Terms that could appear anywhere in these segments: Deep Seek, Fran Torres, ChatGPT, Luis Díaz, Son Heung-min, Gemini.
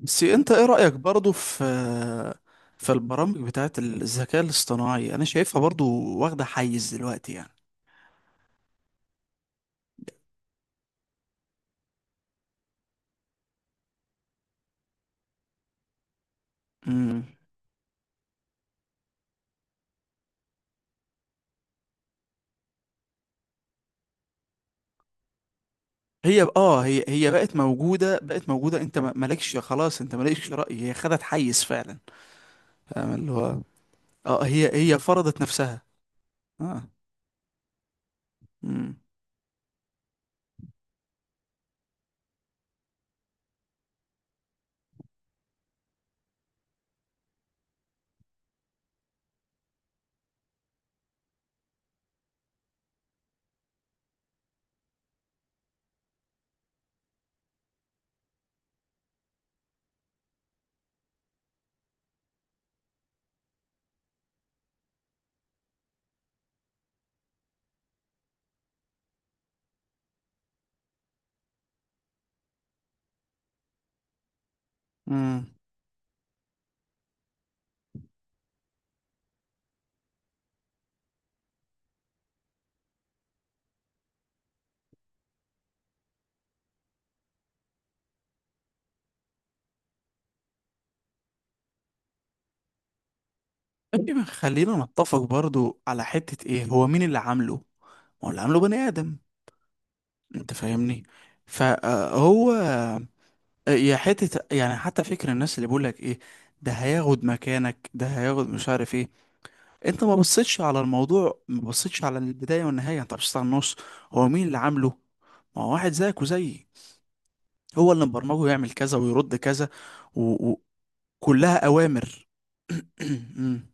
بس انت ايه رأيك برضو في البرامج بتاعت الذكاء الاصطناعي، انا شايفها برضو واخدة حيز دلوقتي يعني. امم. هي اه هي هي بقت موجودة بقت موجودة، انت مالكش خلاص، انت مالكش رأي، هي خدت حيز فعلا. فاهم اللي هو. هي فرضت نفسها. اه. امم. امم. طيب خلينا نتفق برضو على حتة، ايه هو مين اللي عامله؟ هو اللي عامله بني آدم، انت فاهمني؟ فهو يا حتة يعني، حتى فكر الناس اللي بيقول لك ايه، ده هياخد مكانك، ده هياخد مش عارف ايه. انت ما بصيتش على الموضوع، ما بصيتش على البداية والنهاية، انت بصيت على النص. هو مين اللي عامله؟ ما هو واحد زيك وزيي، هو اللي مبرمجه يعمل كذا ويرد كذا، وكلها اوامر. مم.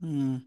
مم.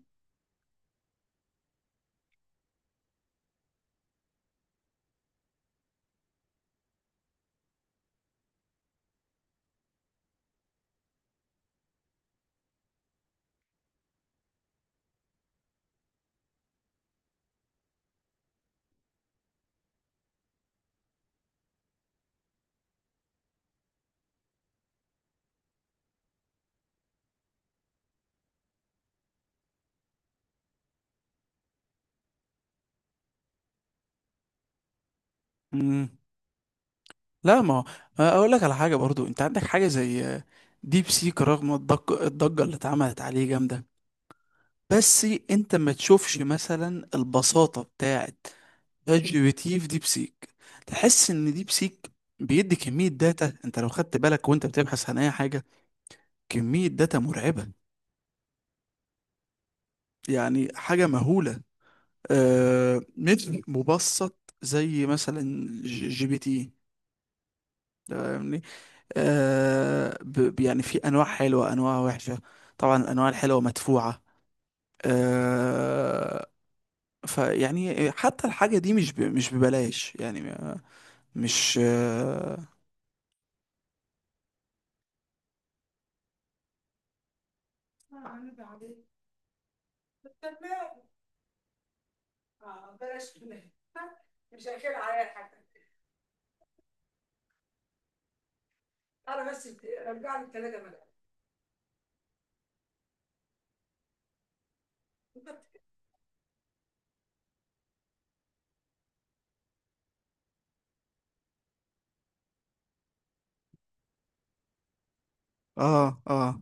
مم. لا، ما هو اقول لك على حاجة برضو. انت عندك حاجة زي ديب سيك، رغم الضجة اللي اتعملت عليه جامدة، بس انت ما تشوفش مثلا البساطة بتاعت شات جي بي تي في ديب سيك. تحس ان ديب سيك بيدي كمية داتا، انت لو خدت بالك وانت بتبحث عن اي حاجة، كمية داتا مرعبة، يعني حاجة مهولة. آه، مش مبسط زي مثلا جي بي تي، فاهمني؟ يعني في انواع حلوة، انواع وحشة. طبعا الانواع الحلوة مدفوعة. آه. فيعني حتى الحاجة دي مش مش ببلاش يعني. مش. اه، اه، اه.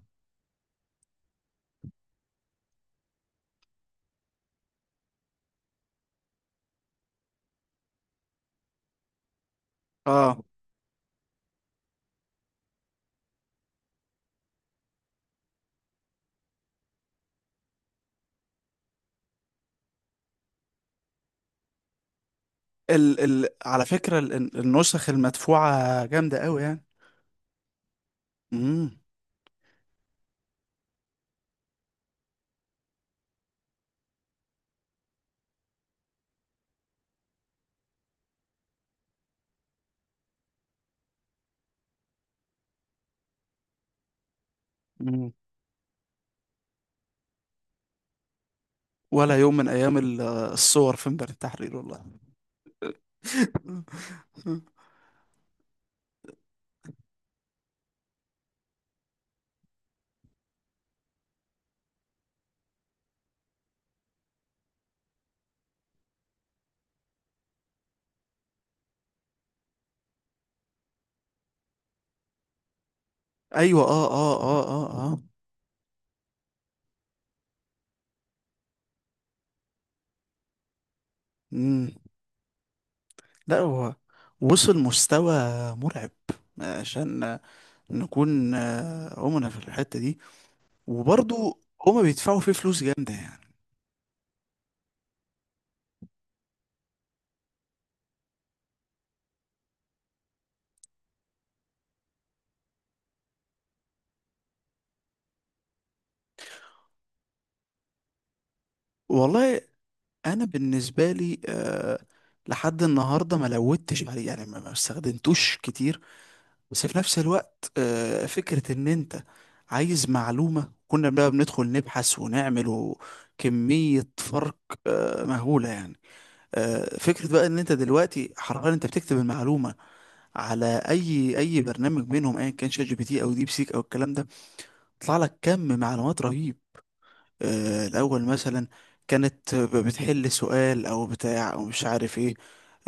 آه. ال ال على فكرة، النسخ المدفوعة جامدة قوي يعني. امم. أمم. ولا يوم من ايام الصور في ميدان التحرير، والله. ايوه، اه، اه، اه، اه، اه. امم. لا هو وصل مستوى مرعب، عشان نكون أمنا في الحتة دي. وبرضو هما بيدفعوا فيه فلوس جامدة يعني. والله، انا بالنسبه لي لحد النهارده ما لودتش عليه يعني، ما استخدمتوش كتير. بس في نفس الوقت، فكره ان انت عايز معلومه، كنا بقى بندخل نبحث ونعمل كميه فرق مهوله يعني. فكره بقى ان انت دلوقتي حرفيا انت بتكتب المعلومه على اي برنامج منهم، ايا كان شات جي بي تي او ديب سيك او الكلام ده، يطلع لك كم معلومات رهيب. الأول مثلا كانت بتحل سؤال أو بتاع أو مش عارف إيه.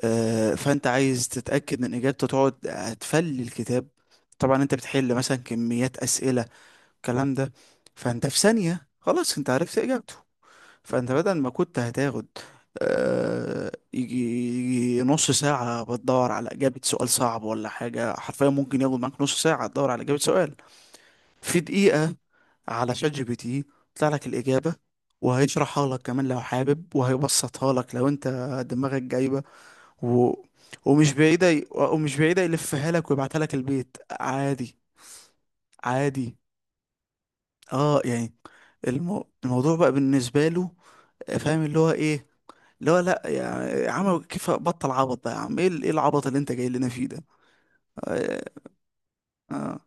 فأنت عايز تتأكد من إجابته، تقعد تفلي الكتاب، طبعا أنت بتحل مثلا كميات أسئلة الكلام ده. فأنت في ثانية خلاص أنت عرفت إجابته. فأنت بدل ما كنت هتاخد آه، يجي يجي نص ساعة بتدور على إجابة سؤال صعب ولا حاجة، حرفيا ممكن ياخد معاك نص ساعة تدور على إجابة سؤال، في دقيقة على شات جي بي تي طلع لك الإجابة، وهيشرحها لك كمان لو حابب، وهيبسطها لك لو انت دماغك جايبة. و... ومش بعيدة يلفها لك ويبعتها لك البيت عادي. عادي. اه يعني الموضوع بقى بالنسبة له فاهم اللي هو ايه، اللي هو، لا يعني عمل كيف، بطل عبط ده يا عم، إيه العبط اللي انت جاي لنا فيه ده. آه. آه.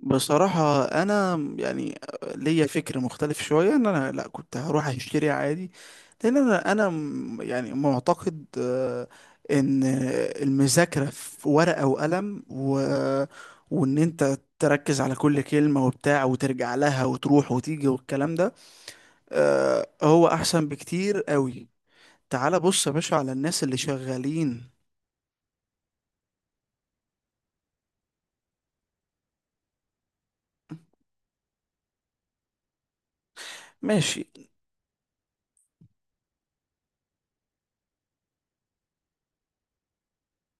بصراحة أنا يعني ليا فكر مختلف شوية، إن أنا لأ كنت هروح أشتري عادي. لأن أنا يعني معتقد إن المذاكرة في ورقة وقلم وإن أنت تركز على كل كلمة وبتاع وترجع لها وتروح وتيجي والكلام ده، هو أحسن بكتير قوي. تعال بص يا باشا على الناس اللي شغالين. ماشي.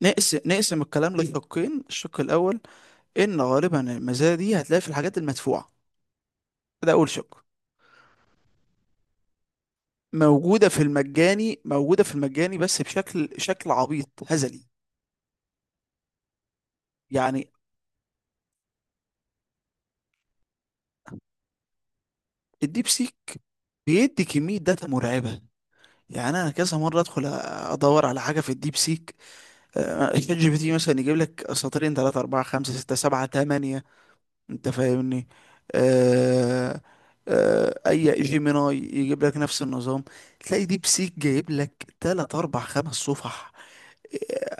نقسم الكلام لشقين. الشق الأول ان غالبا المزايا دي هتلاقي في الحاجات المدفوعه، ده اول شق. موجوده في المجاني، موجوده في المجاني، بس بشكل شكل عبيط هزلي يعني. الديب سيك بيدي كميه داتا مرعبه. يعني انا كذا مره ادخل ادور على حاجه في الديب سيك، شات جي بي تي مثلا يجيب لك سطرين، 3 4 5 6 7 8، انت فاهمني؟ آه، آه. اي جيميناي يجيب لك نفس النظام. تلاقي ديب سيك جايب لك 3 4 5 صفح.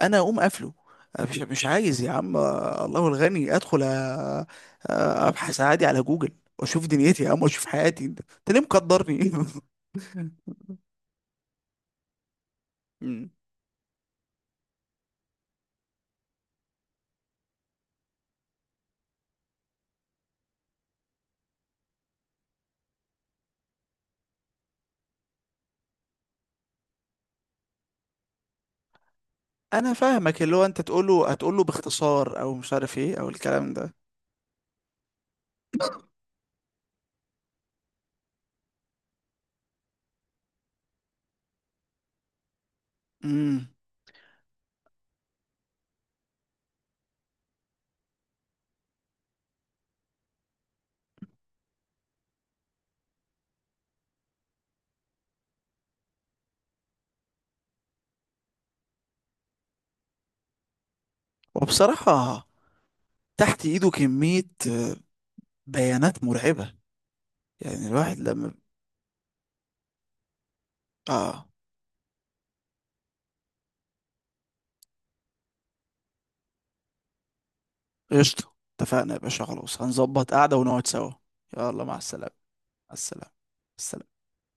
انا اقوم قافله، مش مش عايز يا عم. الله الغني، ادخل أ- ابحث عادي على جوجل، واشوف دنيتي يا عم، واشوف حياتي. انت أنت ليه مقدرني؟ مم. انا فاهمك، اللي هو انت تقوله هتقوله باختصار او مش عارف ايه او الكلام ده. امم. وبصراحة تحت ايده كمية بيانات مرعبة. يعني الواحد لما اه قشطة. اتفقنا يا باشا، خلاص هنظبط قعدة ونقعد سوا. يلا مع السلامة. مع السلامة. مع السلامة.